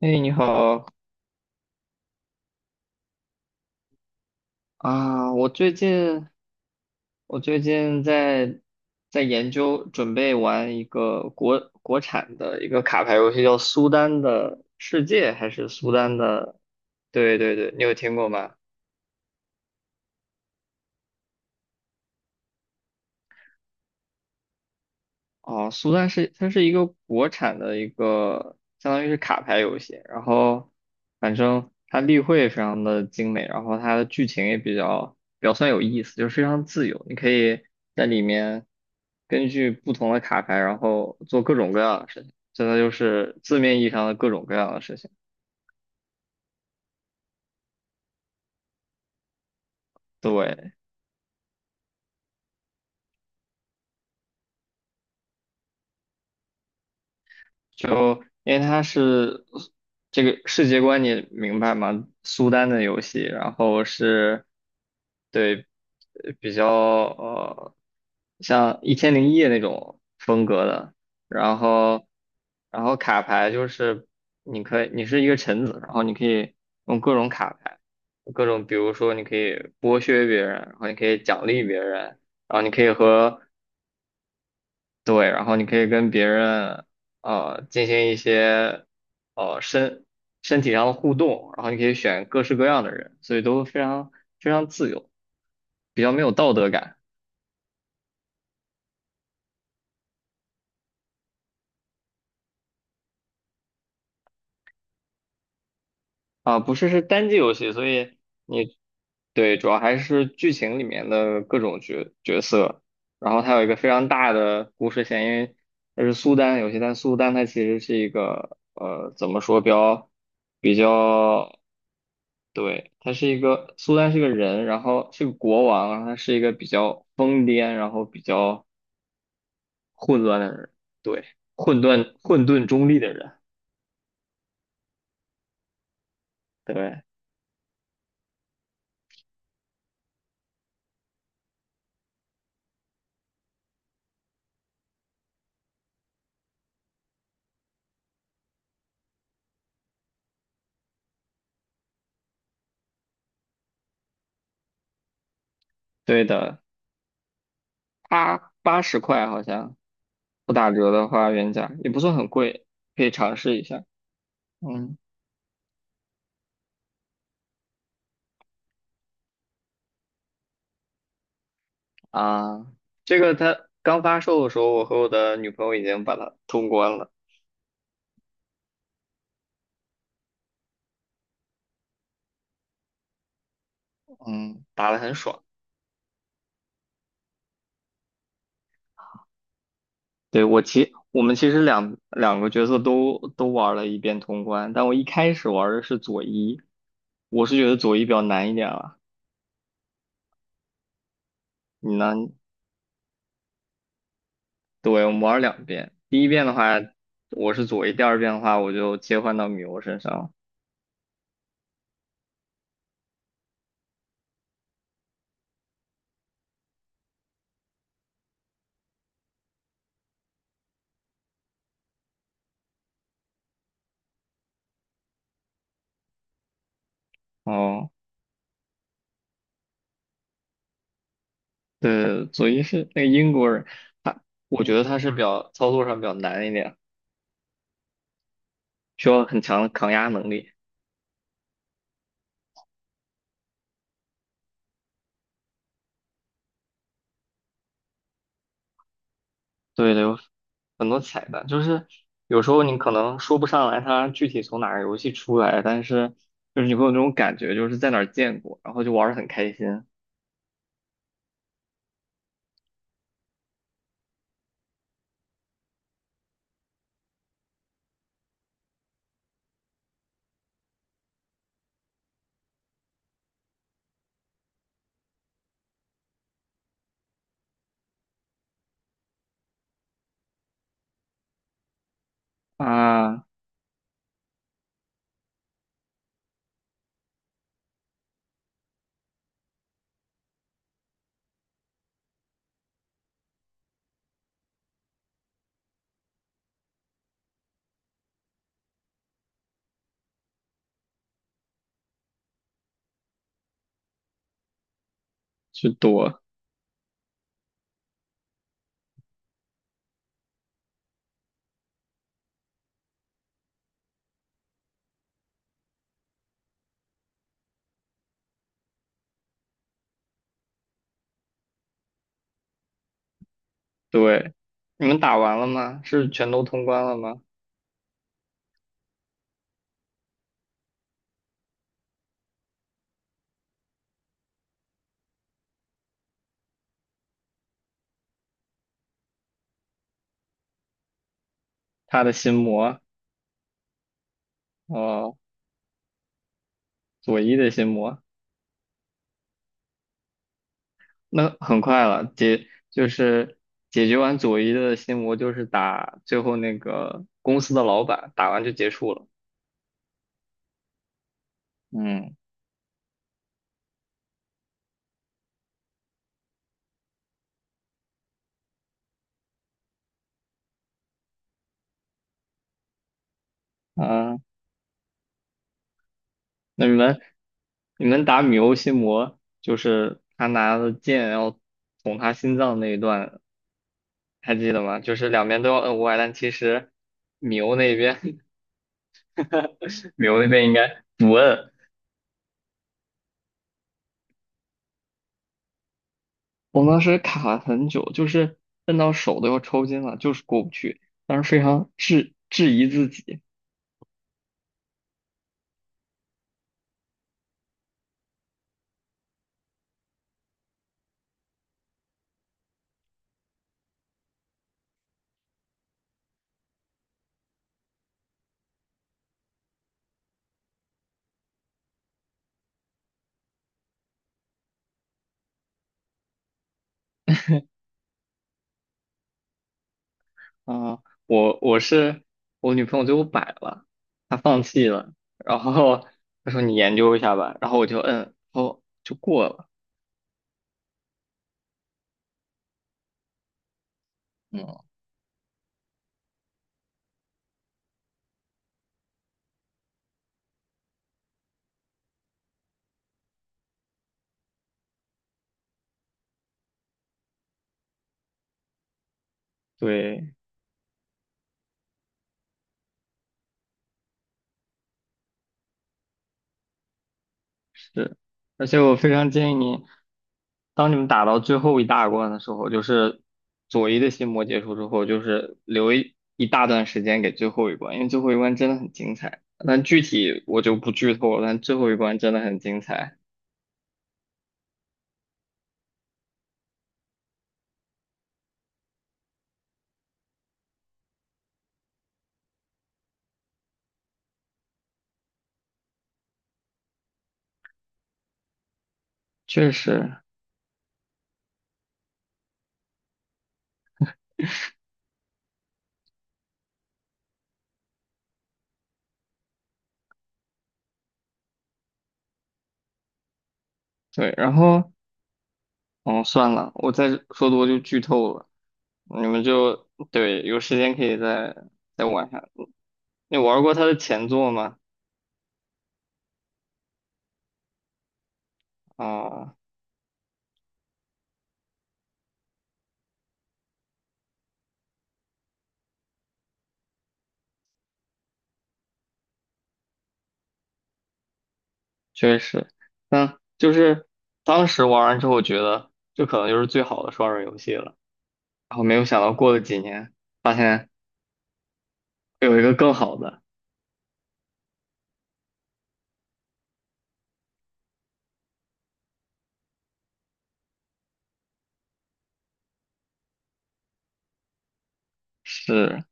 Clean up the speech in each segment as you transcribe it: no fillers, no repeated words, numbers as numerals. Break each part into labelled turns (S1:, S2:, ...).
S1: 哎，你好啊！我最近在研究准备玩一个国产的一个卡牌游戏，叫《苏丹的世界》还是《苏丹的》？对对对，你有听过吗？哦，苏丹是它是一个国产的一个，相当于是卡牌游戏。然后，反正它立绘非常的精美，然后它的剧情也比较算有意思，就是非常自由。你可以在里面根据不同的卡牌，然后做各种各样的事情，真的就是字面意义上的各种各样的事情。对，就因为它是这个世界观，你明白吗？苏丹的游戏，然后是，对，比较像一千零一夜那种风格的。然后然后卡牌就是，你可以你是一个臣子，然后你可以用各种卡牌，各种比如说你可以剥削别人，然后你可以奖励别人，然后你可以和，对，然后你可以跟别人进行一些呃身身体上的互动，然后你可以选各式各样的人，所以都非常非常自由，比较没有道德感。啊，不是，是单机游戏，所以你，对，主要还是剧情里面的各种角色，然后它有一个非常大的故事线，因为它是苏丹游戏，但苏丹它其实是一个，怎么说，比较比较，对，他是一个，苏丹是个人，然后是个国王，然后他是一个比较疯癫，然后比较混乱的人，对，混沌中立的人，对。对的，八十块好像。不打折的话，原价也不算很贵，可以尝试一下。嗯啊，这个它刚发售的时候，我和我的女朋友已经把它通关了，嗯，打得很爽。对，我们其实两个角色都玩了一遍通关，但我一开始玩的是佐伊，我是觉得佐伊比较难一点了。你呢？对，我们玩了两遍，第一遍的话我是佐伊，第二遍的话我就切换到米欧身上了。哦。对，佐伊是那个英国人，他，我觉得他是比较操作上比较难一点，需要很强的抗压能力。对的，有很多彩蛋，就是有时候你可能说不上来他具体从哪个游戏出来，但是就是你会有那种感觉，就是在哪儿见过，然后就玩的很开心啊，去躲。对，你们打完了吗？是全都通关了吗？他的心魔，哦，佐伊的心魔。那很快了，解就是解决完佐伊的心魔，就是打最后那个公司的老板，打完就结束了。嗯啊，那你们打米欧心魔，就是他拿着剑要捅他心脏那一段，还记得吗？就是两边都要摁歪，但其实米欧那边 米欧那边应该不摁。我们当时卡了很久，就是摁到手都要抽筋了，就是过不去。当时非常质疑自己。啊，我女朋友最后摆了，她放弃了，然后她说你研究一下吧，然后我就摁，哦，就过了。嗯，对，是，而且我非常建议你，当你们打到最后一大关的时候，就是左一的心魔结束之后，就是留一大段时间给最后一关，因为最后一关真的很精彩。但具体我就不剧透了，但最后一关真的很精彩，确实。对，然后。哦，算了，我再说多就剧透了。你们，就对，有时间可以再玩一下。你玩过他的前作吗？啊，确实，嗯，就是当时玩完之后觉得这可能就是最好的双人游戏了，然后没有想到过了几年，发现有一个更好的。是，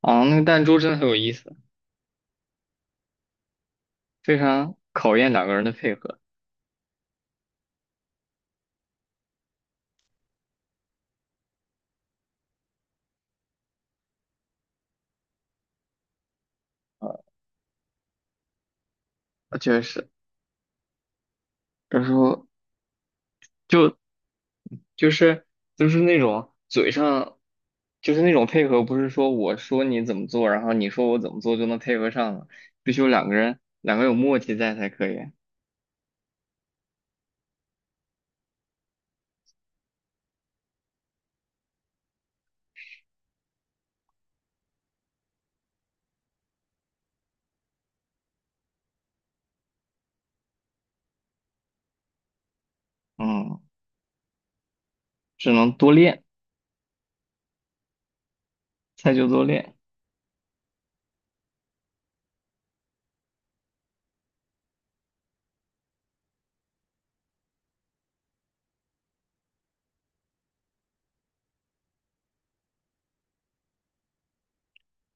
S1: 啊，那个弹珠真的很有意思，非常考验两个人的配合。呃，确实，有时候。就。就是就是那种嘴上，就是那种配合，不是说我说你怎么做，然后你说我怎么做就能配合上了，必须有两个人，两个有默契在才可以。嗯，只能多练，菜就多练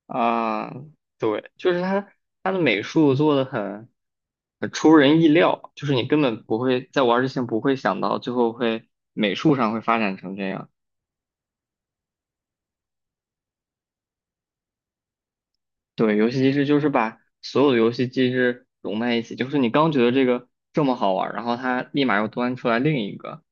S1: 啊。对，就是他的美术做的很出人意料，就是你根本不会在玩儿之前不会想到最后会美术上会发展成这样。对，游戏机制就是把所有的游戏机制融在一起，就是你刚觉得这个这么好玩儿，然后它立马又端出来另一个。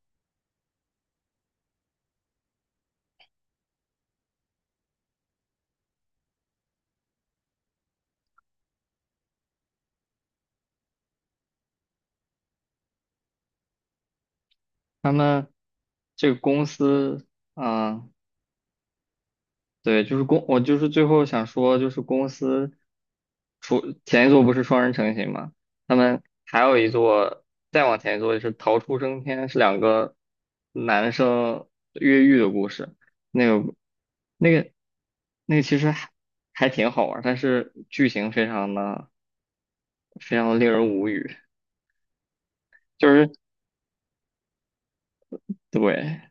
S1: 他们这个公司，嗯，对，就是公，我就是最后想说，就是公司除前一座不是双人成行吗？他们还有一座，再往前一座就是逃出生天，是两个男生越狱的故事。那个、那个、那个其实还挺好玩儿，但是剧情非常的非常的令人无语。就是对，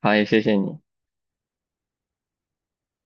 S1: 好，也谢谢你。